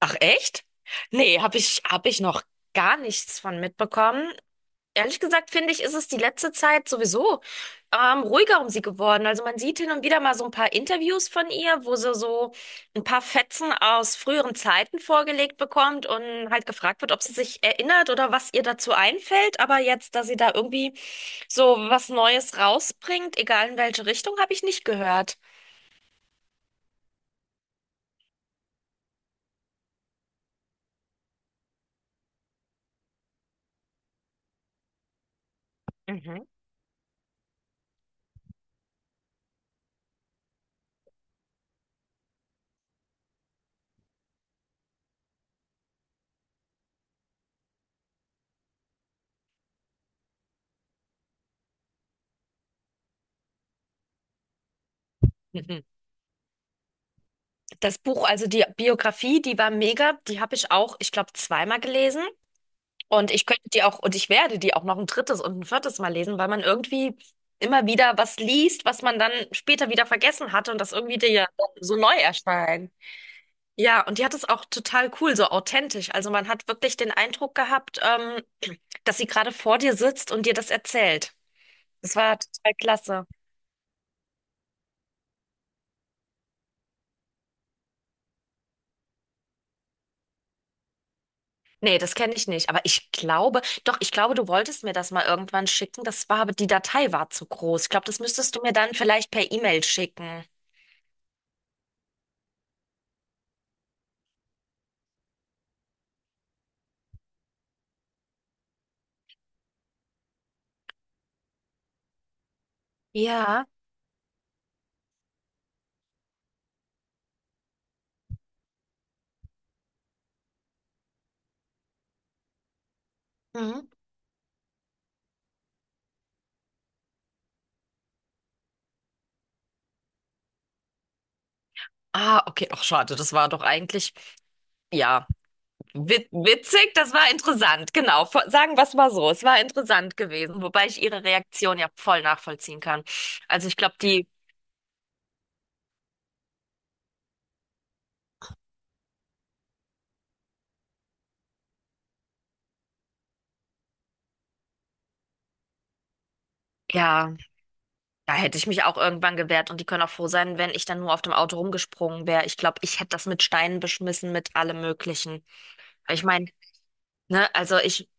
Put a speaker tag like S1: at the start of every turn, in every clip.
S1: Ach echt? Nee, hab ich noch gar nichts von mitbekommen. Ehrlich gesagt, finde ich, ist es die letzte Zeit sowieso ruhiger um sie geworden. Also man sieht hin und wieder mal so ein paar Interviews von ihr, wo sie so ein paar Fetzen aus früheren Zeiten vorgelegt bekommt und halt gefragt wird, ob sie sich erinnert oder was ihr dazu einfällt. Aber jetzt, dass sie da irgendwie so was Neues rausbringt, egal in welche Richtung, habe ich nicht gehört. Mhm. Das Buch, also die Biografie, die war mega. Die habe ich auch, ich glaube, zweimal gelesen. Und ich könnte die auch, und ich werde die auch noch ein drittes und ein viertes Mal lesen, weil man irgendwie immer wieder was liest, was man dann später wieder vergessen hatte und das irgendwie dir ja so neu erscheint. Ja, und die hat es auch total cool, so authentisch. Also man hat wirklich den Eindruck gehabt, dass sie gerade vor dir sitzt und dir das erzählt. Das war total klasse. Nee, das kenne ich nicht. Aber ich glaube, doch, ich glaube, du wolltest mir das mal irgendwann schicken. Das war aber, die Datei war zu groß. Ich glaube, das müsstest du mir dann vielleicht per E-Mail schicken. Ja. Mhm. Ah, okay. Ach, schade. Das war doch eigentlich, ja, witzig. Das war interessant. Genau. Sagen wir es mal so. Es war interessant gewesen, wobei ich ihre Reaktion ja voll nachvollziehen kann. Also ich glaube, die, ja, da hätte ich mich auch irgendwann gewehrt und die können auch froh sein, wenn ich dann nur auf dem Auto rumgesprungen wäre. Ich glaube, ich hätte das mit Steinen beschmissen, mit allem Möglichen. Ich meine, ne, also ich,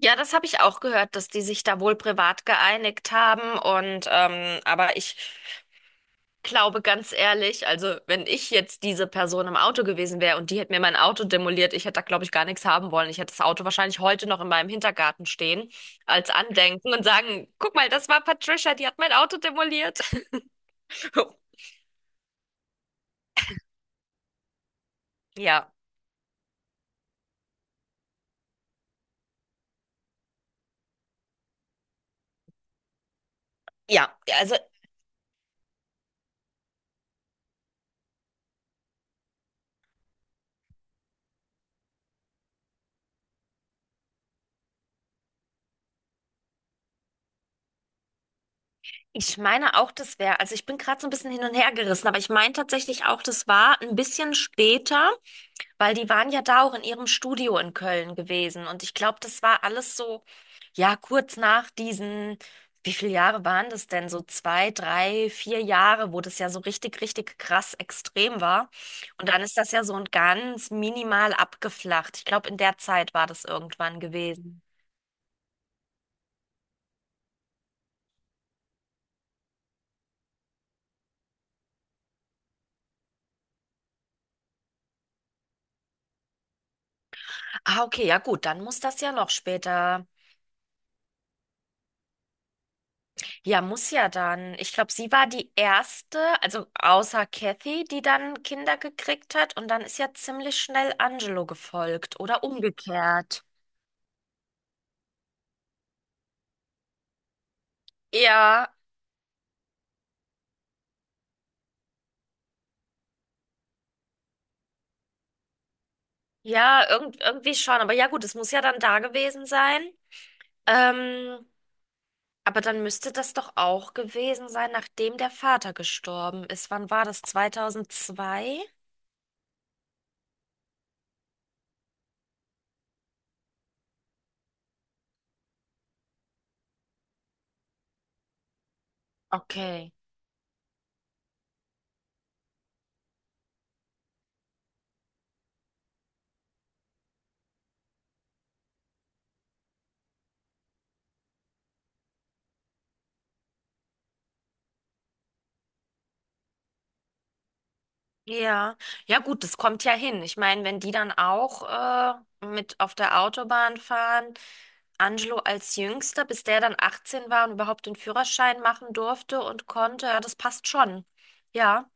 S1: ja, das habe ich auch gehört, dass die sich da wohl privat geeinigt haben und aber ich glaube ganz ehrlich, also wenn ich jetzt diese Person im Auto gewesen wäre und die hätte mir mein Auto demoliert, ich hätte da glaube ich gar nichts haben wollen. Ich hätte das Auto wahrscheinlich heute noch in meinem Hintergarten stehen als Andenken und sagen, guck mal, das war Patricia, die hat mein Auto demoliert. Ja, ja, also ich meine auch, das wäre, also ich bin gerade so ein bisschen hin und her gerissen, aber ich meine tatsächlich auch, das war ein bisschen später. Weil die waren ja da auch in ihrem Studio in Köln gewesen. Und ich glaube, das war alles so, ja, kurz nach diesen, wie viele Jahre waren das denn? So 2, 3, 4 Jahre, wo das ja so richtig, richtig krass extrem war. Und dann ist das ja so ein ganz minimal abgeflacht. Ich glaube, in der Zeit war das irgendwann gewesen. Ah, okay, ja gut, dann muss das ja noch später. Ja, muss ja dann. Ich glaube, sie war die erste, also außer Kathy, die dann Kinder gekriegt hat. Und dann ist ja ziemlich schnell Angelo gefolgt oder umgekehrt. Ja, ja, irgendwie schon. Aber ja, gut, es muss ja dann da gewesen sein. Ähm, aber dann müsste das doch auch gewesen sein, nachdem der Vater gestorben ist. Wann war das? 2002? Okay. Ja, ja gut, das kommt ja hin. Ich meine, wenn die dann auch mit auf der Autobahn fahren, Angelo als Jüngster, bis der dann 18 war und überhaupt den Führerschein machen durfte und konnte, ja, das passt schon. Ja,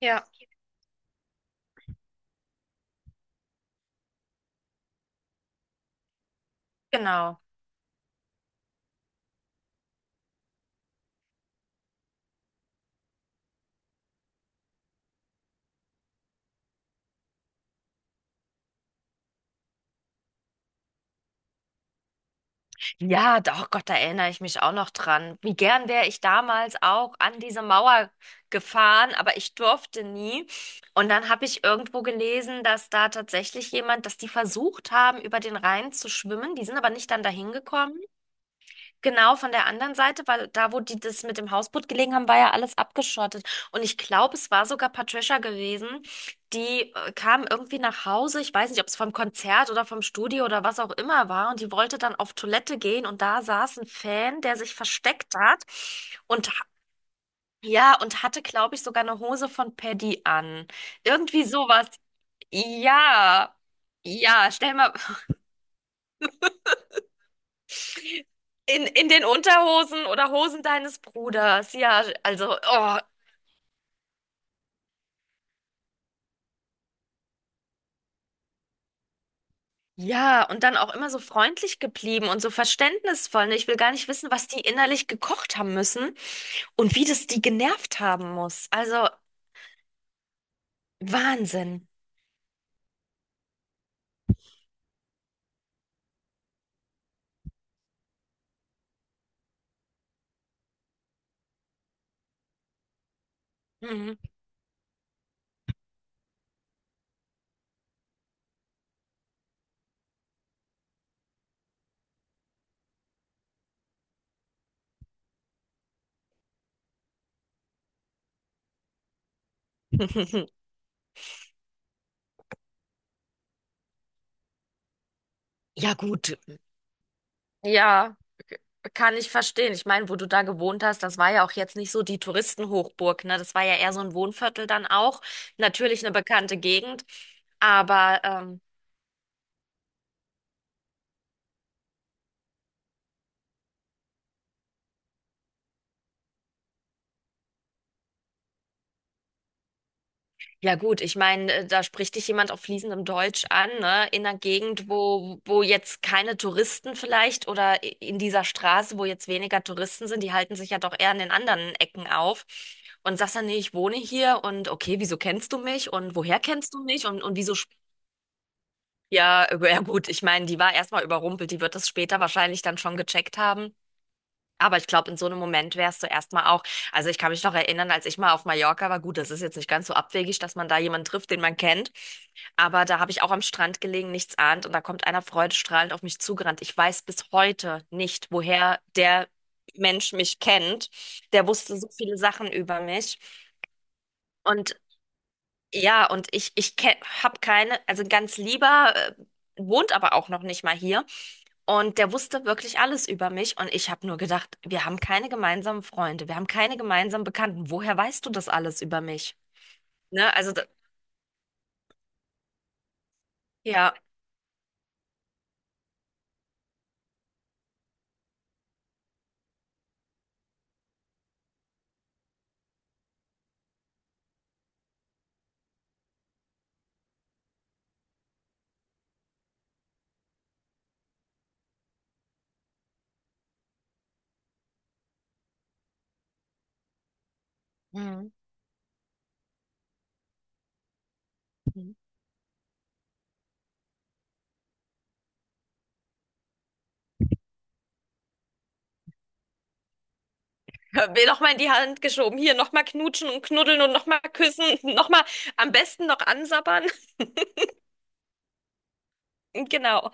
S1: Ja. Genau. Ja, doch, Gott, da erinnere ich mich auch noch dran. Wie gern wäre ich damals auch an diese Mauer gefahren, aber ich durfte nie. Und dann habe ich irgendwo gelesen, dass da tatsächlich jemand, dass die versucht haben, über den Rhein zu schwimmen. Die sind aber nicht dann dahin gekommen. Genau, von der anderen Seite, weil da, wo die das mit dem Hausboot gelegen haben, war ja alles abgeschottet. Und ich glaube, es war sogar Patricia gewesen, die kam irgendwie nach Hause. Ich weiß nicht, ob es vom Konzert oder vom Studio oder was auch immer war. Und die wollte dann auf Toilette gehen. Und da saß ein Fan, der sich versteckt hat. Und ja, und hatte, glaube ich, sogar eine Hose von Paddy an. Irgendwie sowas. Ja. Ja, stell mal, in den Unterhosen oder Hosen deines Bruders. Ja, also, oh, ja, und dann auch immer so freundlich geblieben und so verständnisvoll, ne? Ich will gar nicht wissen, was die innerlich gekocht haben müssen und wie das die genervt haben muss. Also, Wahnsinn. Mhm. Ja, gut. Ja, kann ich verstehen. Ich meine, wo du da gewohnt hast, das war ja auch jetzt nicht so die Touristenhochburg, ne? Das war ja eher so ein Wohnviertel dann auch. Natürlich eine bekannte Gegend, aber ja gut, ich meine, da spricht dich jemand auf fließendem Deutsch an, ne? In einer Gegend, wo, wo jetzt keine Touristen vielleicht oder in dieser Straße, wo jetzt weniger Touristen sind, die halten sich ja doch eher an den anderen Ecken auf. Und sagst dann, nee, ich wohne hier und okay, wieso kennst du mich und woher kennst du mich und, wieso, ja, ja gut, ich meine, die war erstmal überrumpelt, die wird das später wahrscheinlich dann schon gecheckt haben. Aber ich glaube, in so einem Moment wärst du erstmal auch, also ich kann mich noch erinnern, als ich mal auf Mallorca war, gut, das ist jetzt nicht ganz so abwegig, dass man da jemanden trifft, den man kennt, aber da habe ich auch am Strand gelegen, nichts ahnt und da kommt einer freudestrahlend auf mich zugerannt. Ich weiß bis heute nicht, woher der Mensch mich kennt. Der wusste so viele Sachen über mich und ja, und ich habe keine, also ein ganz lieber, wohnt aber auch noch nicht mal hier. Und der wusste wirklich alles über mich. Und ich habe nur gedacht, wir haben keine gemeinsamen Freunde, wir haben keine gemeinsamen Bekannten. Woher weißt du das alles über mich? Ne? Also, ja, Mhm. Mhm. mir nochmal in die Hand geschoben. Hier, nochmal knutschen und knuddeln und nochmal küssen, nochmal am besten noch ansabbern. Genau.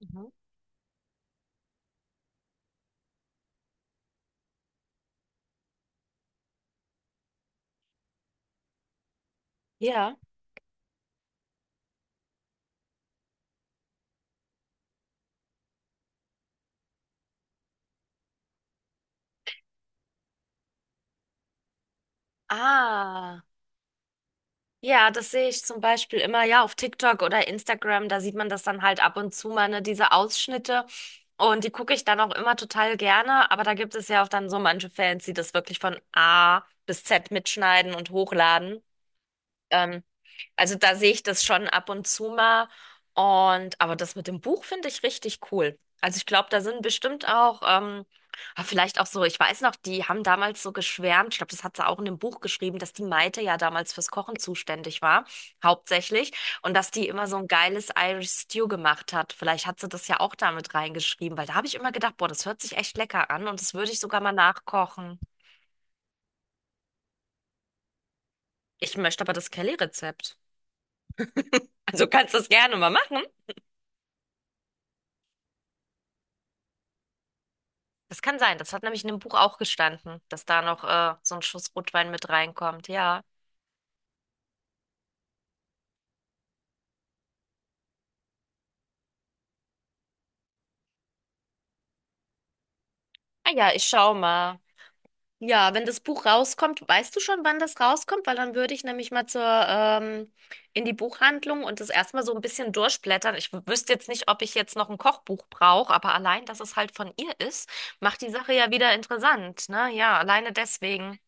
S1: Mhm. Ja. Ah. Ja, das sehe ich zum Beispiel immer, ja, auf TikTok oder Instagram, da sieht man das dann halt ab und zu mal, ne, diese Ausschnitte. Und die gucke ich dann auch immer total gerne, aber da gibt es ja auch dann so manche Fans, die das wirklich von A bis Z mitschneiden und hochladen. Ähm, also da sehe ich das schon ab und zu mal. Und aber das mit dem Buch finde ich richtig cool. Also ich glaube, da sind bestimmt auch, ah, vielleicht auch so, ich weiß noch, die haben damals so geschwärmt, ich glaube, das hat sie auch in dem Buch geschrieben, dass die Maite ja damals fürs Kochen zuständig war, hauptsächlich, und dass die immer so ein geiles Irish Stew gemacht hat. Vielleicht hat sie das ja auch damit reingeschrieben, weil da habe ich immer gedacht, boah, das hört sich echt lecker an und das würde ich sogar mal nachkochen. Ich möchte aber das Kelly-Rezept. Also kannst du das gerne mal machen. Das kann sein. Das hat nämlich in dem Buch auch gestanden, dass da noch so ein Schuss Rotwein mit reinkommt. Ja. Ah ja, ich schau mal. Ja, wenn das Buch rauskommt, weißt du schon, wann das rauskommt? Weil dann würde ich nämlich mal zur, in die Buchhandlung und das erstmal so ein bisschen durchblättern. Ich wüsste jetzt nicht, ob ich jetzt noch ein Kochbuch brauche, aber allein, dass es halt von ihr ist, macht die Sache ja wieder interessant, ne? Ja, alleine deswegen.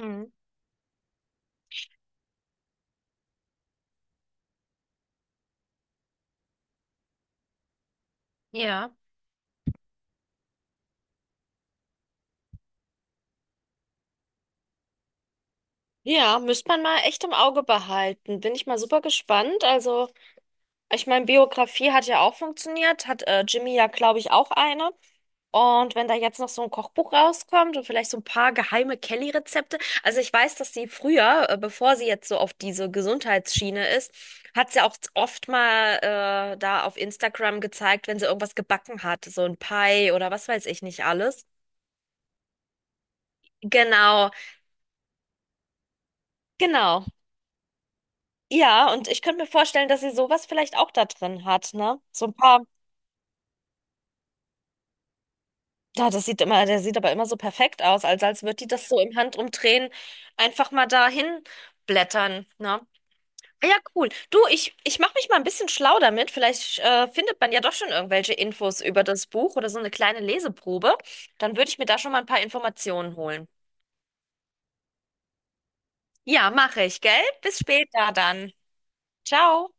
S1: Hm. Ja. Ja, müsste man mal echt im Auge behalten. Bin ich mal super gespannt. Also. Ich meine, Biografie hat ja auch funktioniert, hat Jimmy ja, glaube ich, auch eine. Und wenn da jetzt noch so ein Kochbuch rauskommt und vielleicht so ein paar geheime Kelly-Rezepte. Also ich weiß, dass sie früher, bevor sie jetzt so auf diese Gesundheitsschiene ist, hat sie auch oft mal da auf Instagram gezeigt, wenn sie irgendwas gebacken hat, so ein Pie oder was weiß ich nicht alles. Genau, genau. Ja, und ich könnte mir vorstellen, dass sie sowas vielleicht auch da drin hat, ne? So ein paar. Ja, das sieht immer, der sieht aber immer so perfekt aus, als als würde die das so im Handumdrehen einfach mal dahin blättern, ne? Ah ja, cool. Du, ich mache mich mal ein bisschen schlau damit. Vielleicht findet man ja doch schon irgendwelche Infos über das Buch oder so eine kleine Leseprobe. Dann würde ich mir da schon mal ein paar Informationen holen. Ja, mache ich, gell? Bis später dann. Ciao.